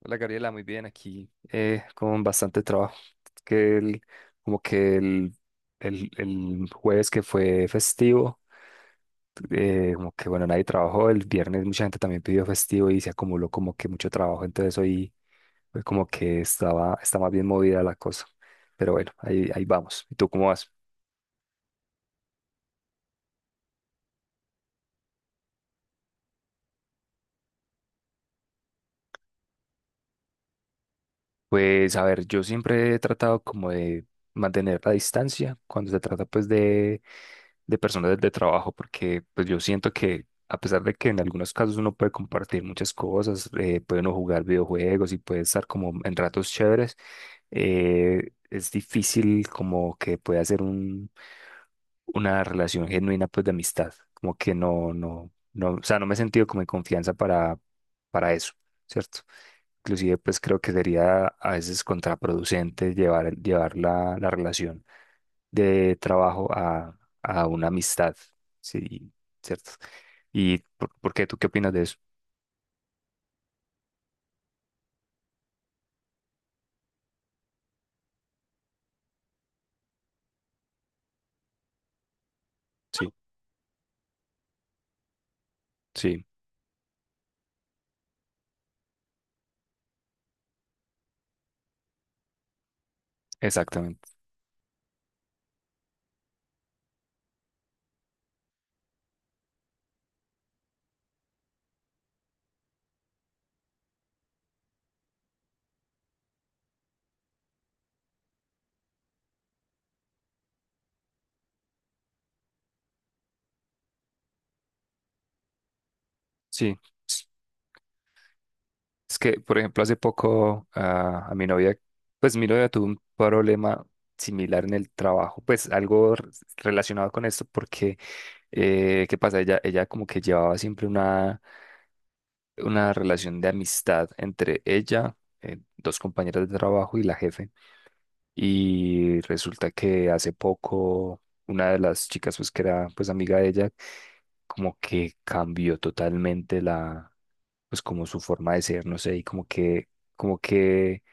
Hola Gabriela, muy bien aquí, con bastante trabajo. Que el- como que El jueves que fue festivo, como que bueno, nadie trabajó, el viernes mucha gente también pidió festivo y se acumuló como que mucho trabajo, entonces hoy como que está más bien movida la cosa. Pero bueno, ahí vamos. ¿Y tú cómo vas? Pues a ver, yo siempre he tratado como de mantener la distancia cuando se trata de personas de trabajo, porque pues yo siento que a pesar de que en algunos casos uno puede compartir muchas cosas, puede uno jugar videojuegos y puede estar como en ratos chéveres, es difícil como que pueda hacer una relación genuina pues de amistad, como que no, no, no, o sea, no me he sentido como en confianza para eso, ¿cierto? Inclusive pues creo que sería a veces contraproducente llevar la relación de trabajo a una amistad, sí, ¿cierto? ¿Y por qué? ¿Tú qué opinas de eso? Sí, sí, exactamente. Sí. Es que, por ejemplo, hace poco a mi novia, pues mi novia tuvo un problema similar en el trabajo, pues algo relacionado con esto, porque, ¿qué pasa? Ella como que llevaba siempre una, relación de amistad entre ella, dos compañeras de trabajo y la jefe. Y resulta que hace poco una de las chicas, pues que era pues amiga de ella, como que cambió totalmente la, pues como su forma de ser, no sé, y como que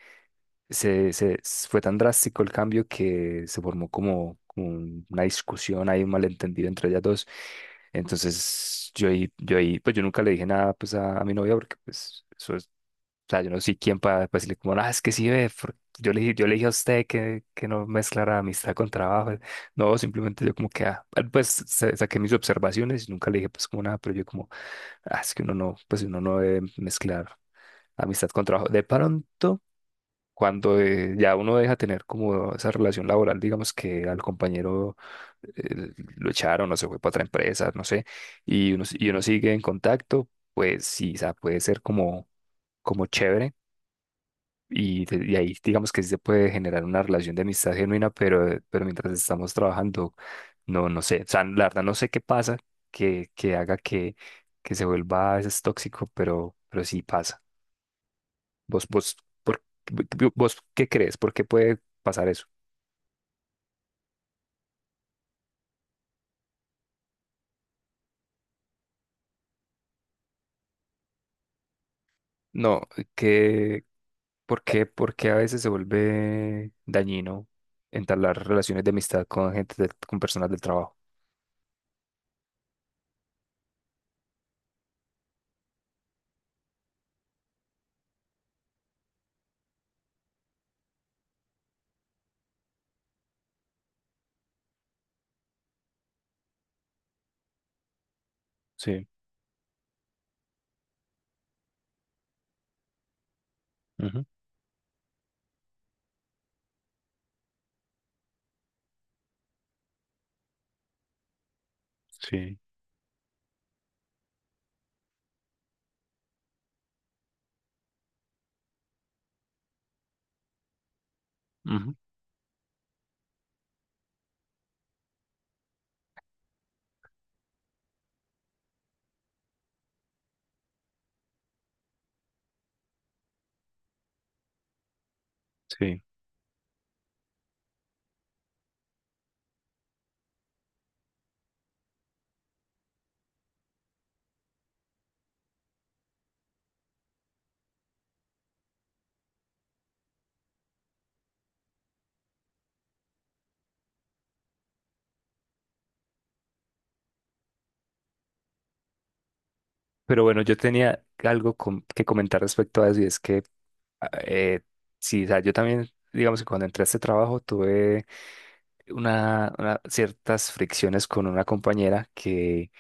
fue tan drástico el cambio que se formó como, como una discusión, hay un malentendido entre ellas dos. Entonces yo ahí, pues yo nunca le dije nada pues a mi novia porque pues eso sea, yo no soy quien para después decirle como, ah, es que sí ve, yo le dije a usted que no mezclara amistad con trabajo. Eh, no, simplemente yo como que, ah, ah, pues saqué mis observaciones y nunca le dije pues como nada, pero yo como, ah, es que uno no, pues uno no debe mezclar amistad con trabajo. De pronto, cuando ya uno deja tener como esa relación laboral, digamos que al compañero lo echaron o se fue para otra empresa, no sé, y uno sigue en contacto, pues sí, o sea, puede ser como, como chévere y ahí digamos que sí se puede generar una relación de amistad genuina, pero mientras estamos trabajando, no, no sé. O sea, la verdad no sé qué pasa que haga que se vuelva a veces tóxico, pero sí pasa. ¿Vos, vos, por, Vos qué crees? ¿Por qué puede pasar eso? No, que, por qué a veces se vuelve dañino entablar relaciones de amistad con gente, con personas del trabajo? Sí, ujú, sí, ujú, sí. Pero bueno, yo tenía algo que comentar respecto a eso y es que, ah, sí, o sea, yo también, digamos que cuando entré a este trabajo tuve una, ciertas fricciones con una compañera que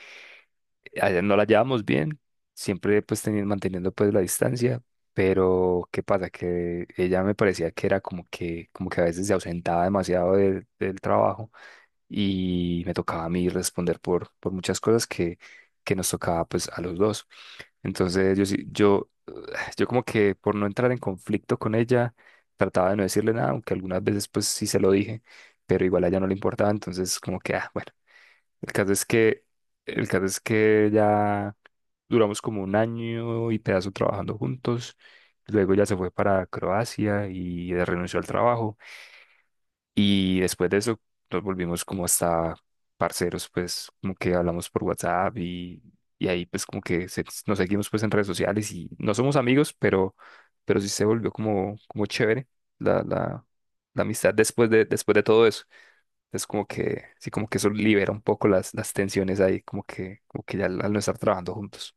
no la llevábamos bien, siempre pues manteniendo pues la distancia, pero ¿qué pasa? Que ella me parecía que era como que a veces se ausentaba demasiado del trabajo y me tocaba a mí responder por muchas cosas que nos tocaba pues a los dos. Entonces yo, yo como que por no entrar en conflicto con ella, trataba de no decirle nada, aunque algunas veces pues sí se lo dije, pero igual a ella no le importaba, entonces como que, ah, bueno, el caso es que, el caso es que ya duramos como un año y pedazo trabajando juntos, luego ella se fue para Croacia y renunció al trabajo. Y después de eso nos volvimos como hasta parceros, pues como que hablamos por WhatsApp y ahí pues como que nos seguimos pues en redes sociales y no somos amigos, pero sí se volvió como, como chévere la, la, la amistad después después de todo eso. Es como que, sí, como que eso libera un poco las tensiones ahí, como que ya al no estar trabajando juntos.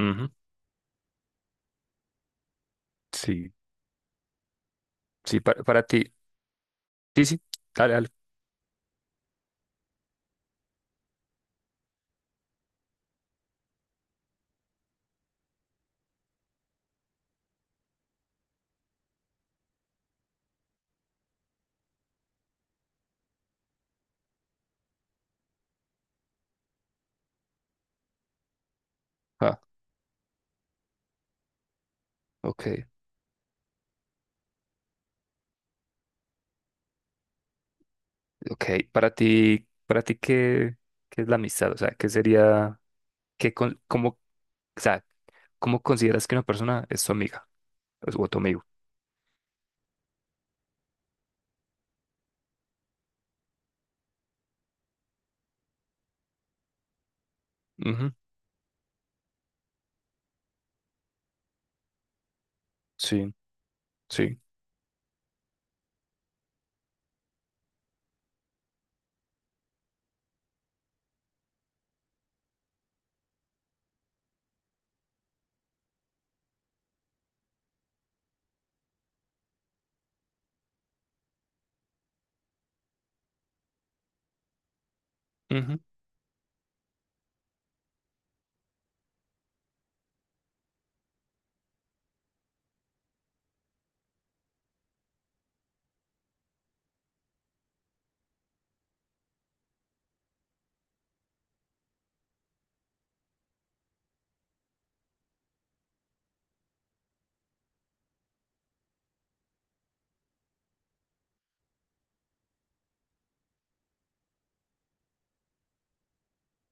Ujú, sí, sí, para ti. Sí, sí, dale, dale. Ah, ok. Ok, para ti, qué es la amistad? O sea, ¿qué sería, qué, con- cómo, o sea, cómo consideras que una persona es tu amiga o tu amigo? Ujú, sí, sí, ujú,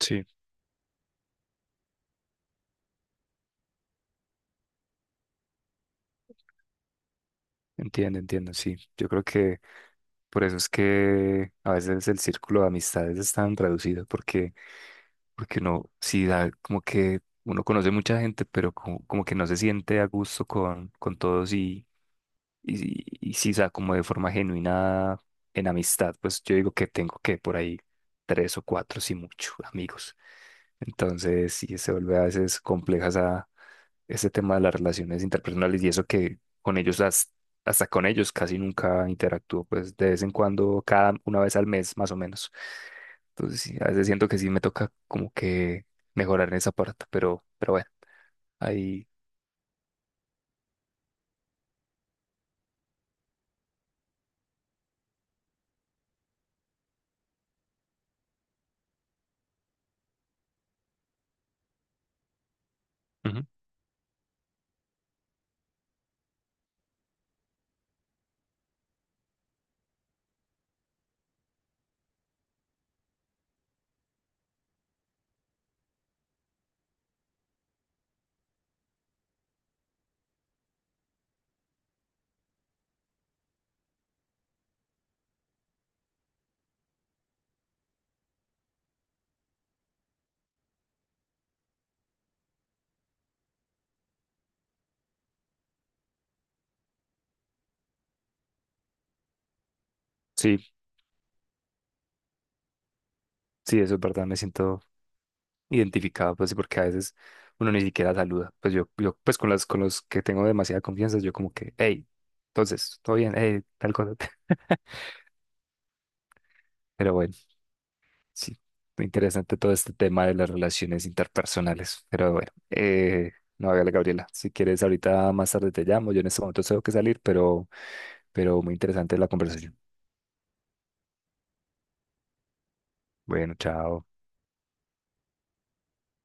sí, entiendo, entiendo, sí. Yo creo que por eso es que a veces el círculo de amistades es tan reducido, porque, porque uno sí da como que uno conoce mucha gente, pero como, como que no se siente a gusto con todos. Y, y si sea, como de forma genuina en amistad, pues yo digo que tengo que por ahí tres o cuatro, si mucho, amigos. Entonces, sí, se vuelve a veces compleja ese tema de las relaciones interpersonales y eso que con ellos, hasta con ellos casi nunca interactúo, pues de vez en cuando, cada una vez al mes más o menos. Entonces, sí, a veces siento que sí me toca como que mejorar en esa parte, pero bueno, ahí, ujú. Sí, sí, eso es verdad, me siento identificado, pues, porque a veces uno ni siquiera saluda. Pues yo pues con las, con los que tengo demasiada confianza, yo como que, hey, entonces, todo bien, hey, tal cosa. Pero bueno, sí, interesante todo este tema de las relaciones interpersonales. Pero bueno, no, hágale, Gabriela, si quieres, ahorita más tarde te llamo. Yo en este momento tengo que salir, pero muy interesante la conversación. Bueno, chao.